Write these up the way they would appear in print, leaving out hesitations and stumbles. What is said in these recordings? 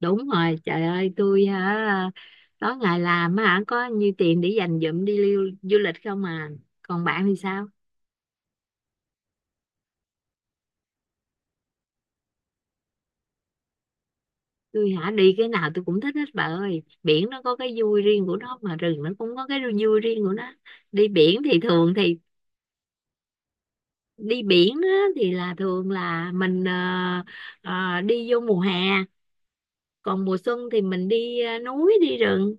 Đúng rồi, trời ơi, tôi hả? Tối ngày làm á hả, có nhiêu tiền để dành dụm đi lưu du lịch không à? Còn bạn thì sao? Tôi hả? Đi cái nào tôi cũng thích hết, bà ơi. Biển nó có cái vui riêng của nó mà rừng nó cũng có cái vui riêng của nó. Đi biển thì thường thì... đi biển á, thì là thường là mình đi vô mùa hè. Còn mùa xuân thì mình đi núi, đi rừng.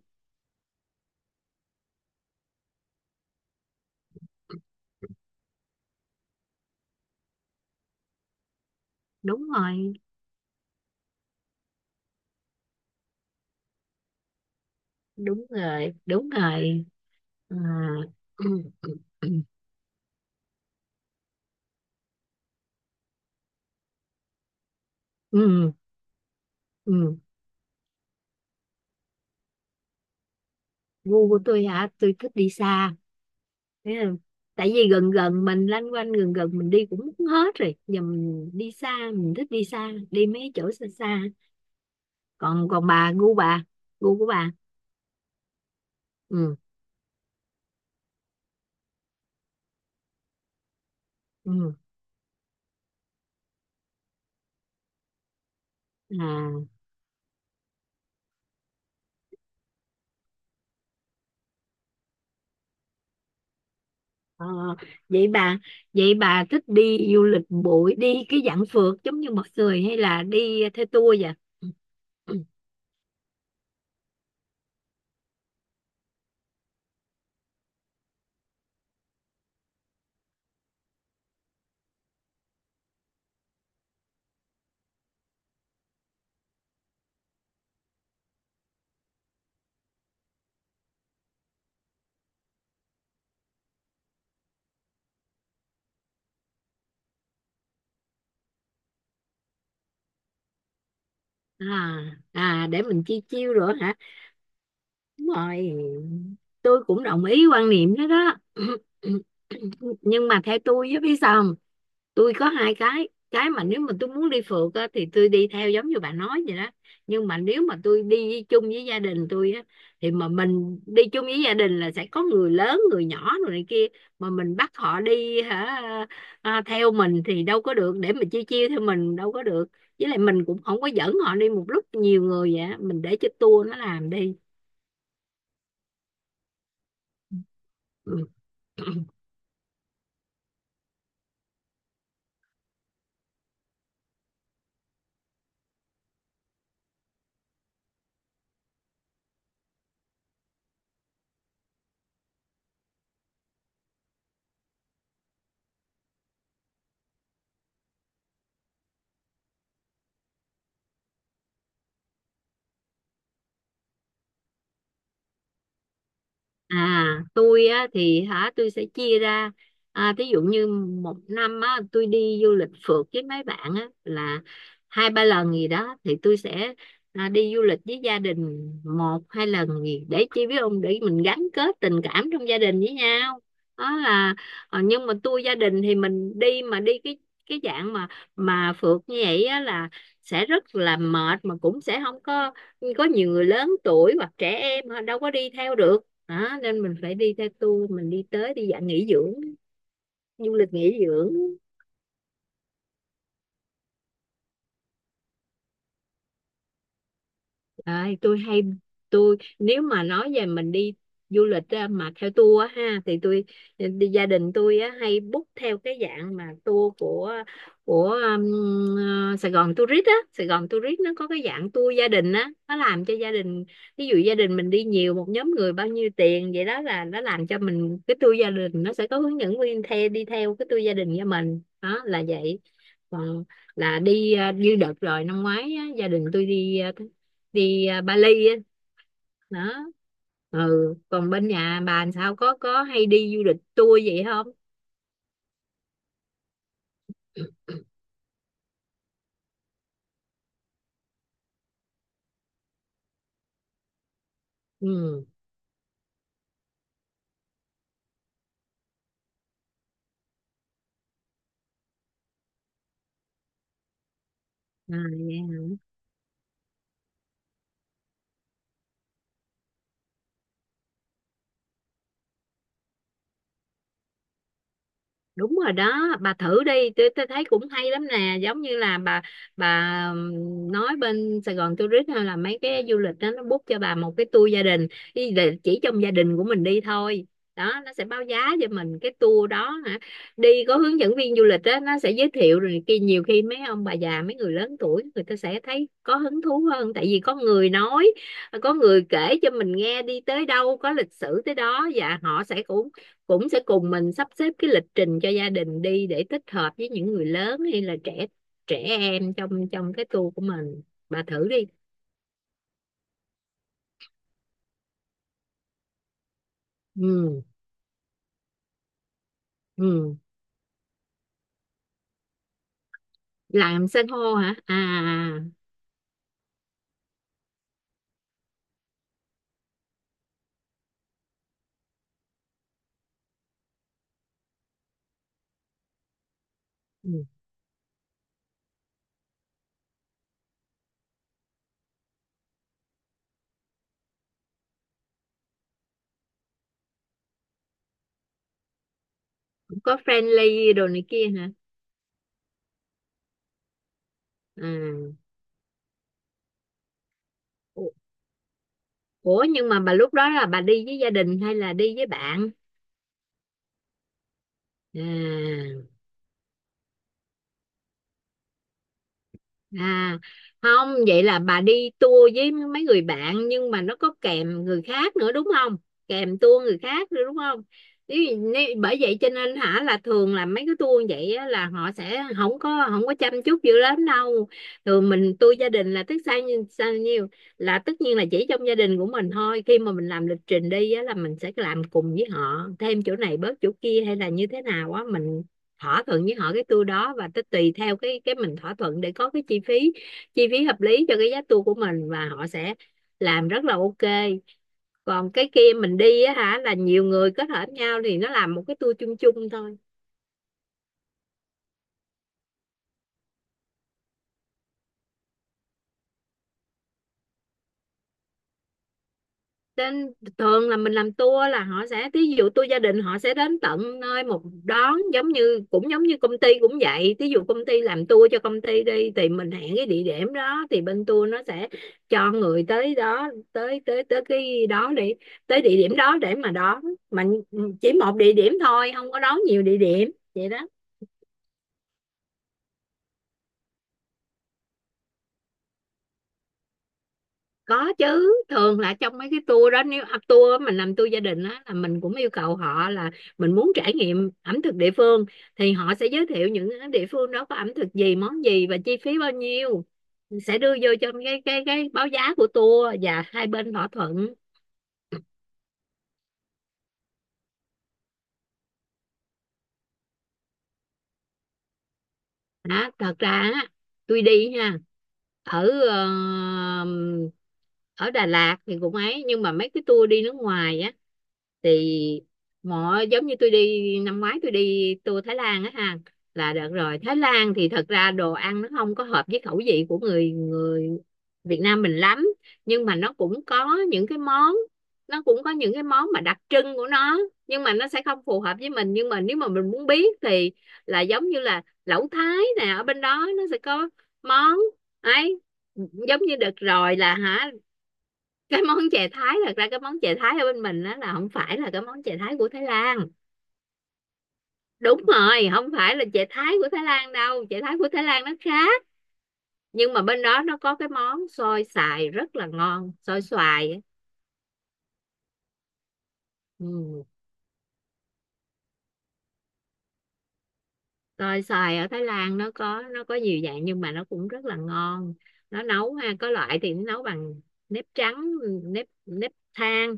Đúng rồi, đúng rồi, đúng rồi à. Ừ. Ừ. Ừ. Gu của tôi hả? Tôi thích đi xa. Thế là, tại vì gần gần mình lanh quanh, gần gần mình đi cũng hết rồi, giờ mình đi xa, mình thích đi xa, đi mấy chỗ xa xa. Còn còn bà, gu bà, gu của bà? Ừ. Ừ. À. ờ, vậy bà vậy bà thích đi du lịch bụi, đi cái dạng phượt giống như mọi người, hay là đi theo tour vậy? Ừ. Ừ. À, à, để mình chiêu chiêu rồi hả? Đúng rồi, tôi cũng đồng ý quan niệm đó đó. Nhưng mà theo tôi với, biết sao không? Tôi có hai cái. Cái mà nếu mà tôi muốn đi phượt á, thì tôi đi theo giống như bà nói vậy đó. Nhưng mà nếu mà tôi đi chung với gia đình tôi á, thì mà mình đi chung với gia đình là sẽ có người lớn, người nhỏ rồi này kia. Mà mình bắt họ đi hả, à, theo mình thì đâu có được. Để mà chia chia theo mình đâu có được. Với lại mình cũng không có dẫn họ đi một lúc nhiều người vậy á. Mình để cho tour nó làm đi. Ừ. À, tôi á thì hả, tôi sẽ chia ra, à, ví dụ như một năm á tôi đi du lịch phượt với mấy bạn á là hai ba lần gì đó, thì tôi sẽ, à, đi du lịch với gia đình một hai lần gì để chi biết ông, để mình gắn kết tình cảm trong gia đình với nhau, đó là... nhưng mà tôi gia đình thì mình đi mà đi cái dạng mà phượt như vậy á là sẽ rất là mệt, mà cũng sẽ không có nhiều người lớn tuổi hoặc trẻ em, họ đâu có đi theo được. Đó nên mình phải đi theo tour, mình đi tới đi dạng nghỉ dưỡng, du lịch nghỉ dưỡng. Đấy, tôi hay, tôi nếu mà nói về mình đi du lịch á, mà theo tour á ha, thì tôi đi gia đình tôi á, hay book theo cái dạng mà tour của Sài Gòn Tourist á. Sài Gòn Tourist nó có cái dạng tour gia đình á, nó làm cho gia đình, ví dụ gia đình mình đi nhiều, một nhóm người bao nhiêu tiền vậy đó, là nó làm cho mình cái tour gia đình, nó sẽ có hướng dẫn viên theo, đi theo cái tour gia đình cho mình, đó là vậy. Còn là đi, như đợt rồi năm ngoái á, gia đình tôi đi, đi, à, Bali á. Đó. Ừ, còn bên nhà bà làm sao, có hay đi du lịch tour vậy không? Ừ. À, đúng rồi đó, bà thử đi, tôi thấy cũng hay lắm nè. Giống như là bà nói bên Sài Gòn Tourist hay là mấy cái du lịch đó, nó book cho bà một cái tour gia đình đi, để chỉ trong gia đình của mình đi thôi. Đó, nó sẽ báo giá cho mình cái tour đó hả, đi có hướng dẫn viên du lịch, đó nó sẽ giới thiệu rồi kia. Nhiều khi mấy ông bà già, mấy người lớn tuổi, người ta sẽ thấy có hứng thú hơn, tại vì có người nói, có người kể cho mình nghe đi tới đâu có lịch sử tới đó. Và họ sẽ cũng cũng sẽ cùng mình sắp xếp cái lịch trình cho gia đình đi, để tích hợp với những người lớn hay là trẻ trẻ em trong trong cái tour của mình. Bà thử đi. Ừ. Ừ. Làm san hô hả? À, à, à. Ừ. Cũng có friendly đồ này kia hả? À, ủa nhưng mà bà lúc đó là bà đi với gia đình hay là đi với bạn? À. À, không, vậy là bà đi tour với mấy người bạn nhưng mà nó có kèm người khác nữa đúng không? Kèm tour người khác nữa đúng không? Nếu, nếu, bởi vậy cho nên hả, là thường là mấy cái tour vậy á, là họ sẽ không có chăm chút dữ lắm đâu. Thường mình tour gia đình là tức sao nhiêu sao nhiêu, là tất nhiên là chỉ trong gia đình của mình thôi. Khi mà mình làm lịch trình đi á, là mình sẽ làm cùng với họ, thêm chỗ này bớt chỗ kia hay là như thế nào á, mình thỏa thuận với họ cái tour đó, và tới tùy theo cái mình thỏa thuận để có cái chi phí hợp lý cho cái giá tour của mình, và họ sẽ làm rất là ok. Còn cái kia mình đi á hả, là nhiều người kết hợp nhau thì nó làm một cái tour chung chung thôi. Trên thường là mình làm tour là họ sẽ, thí dụ tour gia đình, họ sẽ đến tận nơi một đón, giống như cũng giống như công ty cũng vậy, thí dụ công ty làm tour cho công ty đi, thì mình hẹn cái địa điểm đó, thì bên tour nó sẽ cho người tới đó, tới tới tới cái đó đi, tới địa điểm đó để mà đón mình, chỉ một địa điểm thôi, không có đón nhiều địa điểm vậy đó. Có chứ, thường là trong mấy cái tour đó, nếu, à, tour á, mình làm tour gia đình á, là mình cũng yêu cầu họ là mình muốn trải nghiệm ẩm thực địa phương, thì họ sẽ giới thiệu những cái địa phương đó có ẩm thực gì, món gì và chi phí bao nhiêu, sẽ đưa vô trong cái báo giá của tour, và hai bên thỏa thuận. Đó, thật ra á, tôi đi ha, ở, ở Đà Lạt thì cũng ấy, nhưng mà mấy cái tour đi nước ngoài á thì, mỗi giống như tôi đi năm ngoái, tôi đi tour Thái Lan á ha, là đợt rồi Thái Lan thì thật ra đồ ăn nó không có hợp với khẩu vị của người người Việt Nam mình lắm. Nhưng mà nó cũng có những cái món mà đặc trưng của nó, nhưng mà nó sẽ không phù hợp với mình. Nhưng mà nếu mà mình muốn biết thì, là giống như là lẩu Thái nè, ở bên đó nó sẽ có món ấy. Giống như đợt rồi là hả, cái món chè Thái, thật ra cái món chè Thái ở bên mình đó là không phải là cái món chè Thái của Thái Lan. Đúng rồi, không phải là chè Thái của Thái Lan đâu, chè Thái của Thái Lan nó khác. Nhưng mà bên đó nó có cái món xôi xoài rất là ngon, xôi xoài á. Ừ. Xôi xoài ở Thái Lan nó có nhiều dạng, nhưng mà nó cũng rất là ngon. Nó nấu ha, có loại thì nó nấu bằng nếp trắng, nếp nếp than,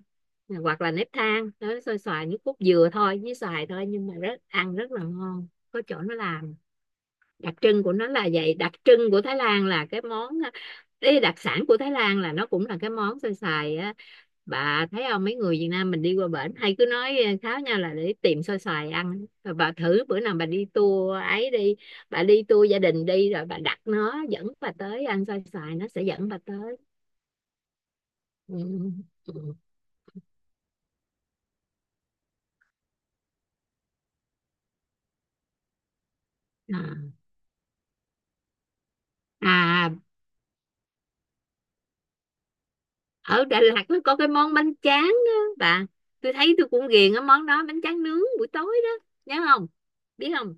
hoặc là nếp than, nó xôi xoài nước cốt dừa thôi, với xoài thôi, nhưng mà rất ăn rất là ngon. Có chỗ nó làm đặc trưng của nó là vậy. Đặc trưng của Thái Lan là cái món, cái đặc sản của Thái Lan là nó cũng là cái món xôi xoài á. Bà thấy không, mấy người Việt Nam mình đi qua bển hay cứ nói kháo nhau là để tìm xôi xoài ăn. Rồi bà thử bữa nào bà đi tour ấy đi, bà đi tour gia đình đi, rồi bà đặt nó dẫn bà tới ăn xôi xoài, nó sẽ dẫn bà tới. Ừ. Ừ. Ừ. À, à, ở Đà Lạt nó có cái món bánh tráng á bà. Tôi thấy tôi cũng ghiền cái món đó, bánh tráng nướng buổi tối đó, nhớ không? Biết không,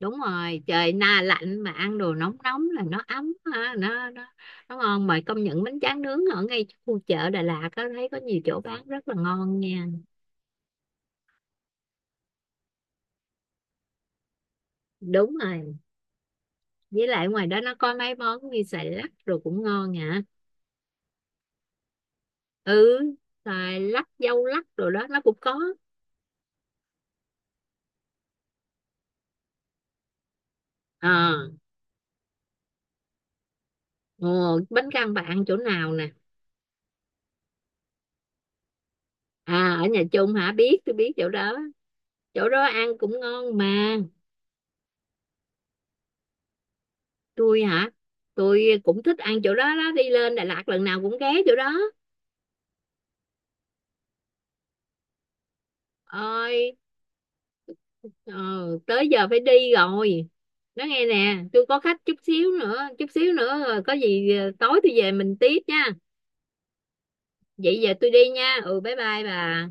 đúng rồi, trời na lạnh mà ăn đồ nóng nóng là nó ấm ha, nó ngon mà. Công nhận bánh tráng nướng ở ngay khu chợ Đà Lạt, có thấy có nhiều chỗ bán rất là ngon nha. Đúng rồi, với lại ngoài đó nó có mấy món như xoài lắc rồi cũng ngon hả. Ừ, xoài lắc dâu lắc rồi đó, nó cũng có. Ờ, ồ, bánh căn bà ăn chỗ nào nè? À, ở nhà chung hả, biết, tôi biết chỗ đó. Chỗ đó ăn cũng ngon mà. Tôi hả? Tôi cũng thích ăn chỗ đó đó, đi lên Đà Lạt lần nào cũng ghé chỗ đó. Ơi, ờ, tới giờ phải đi rồi. Nói nghe nè, tôi có khách, chút xíu nữa rồi có gì tối tôi về mình tiếp nha. Vậy giờ tôi đi nha, ừ, bye bye bà.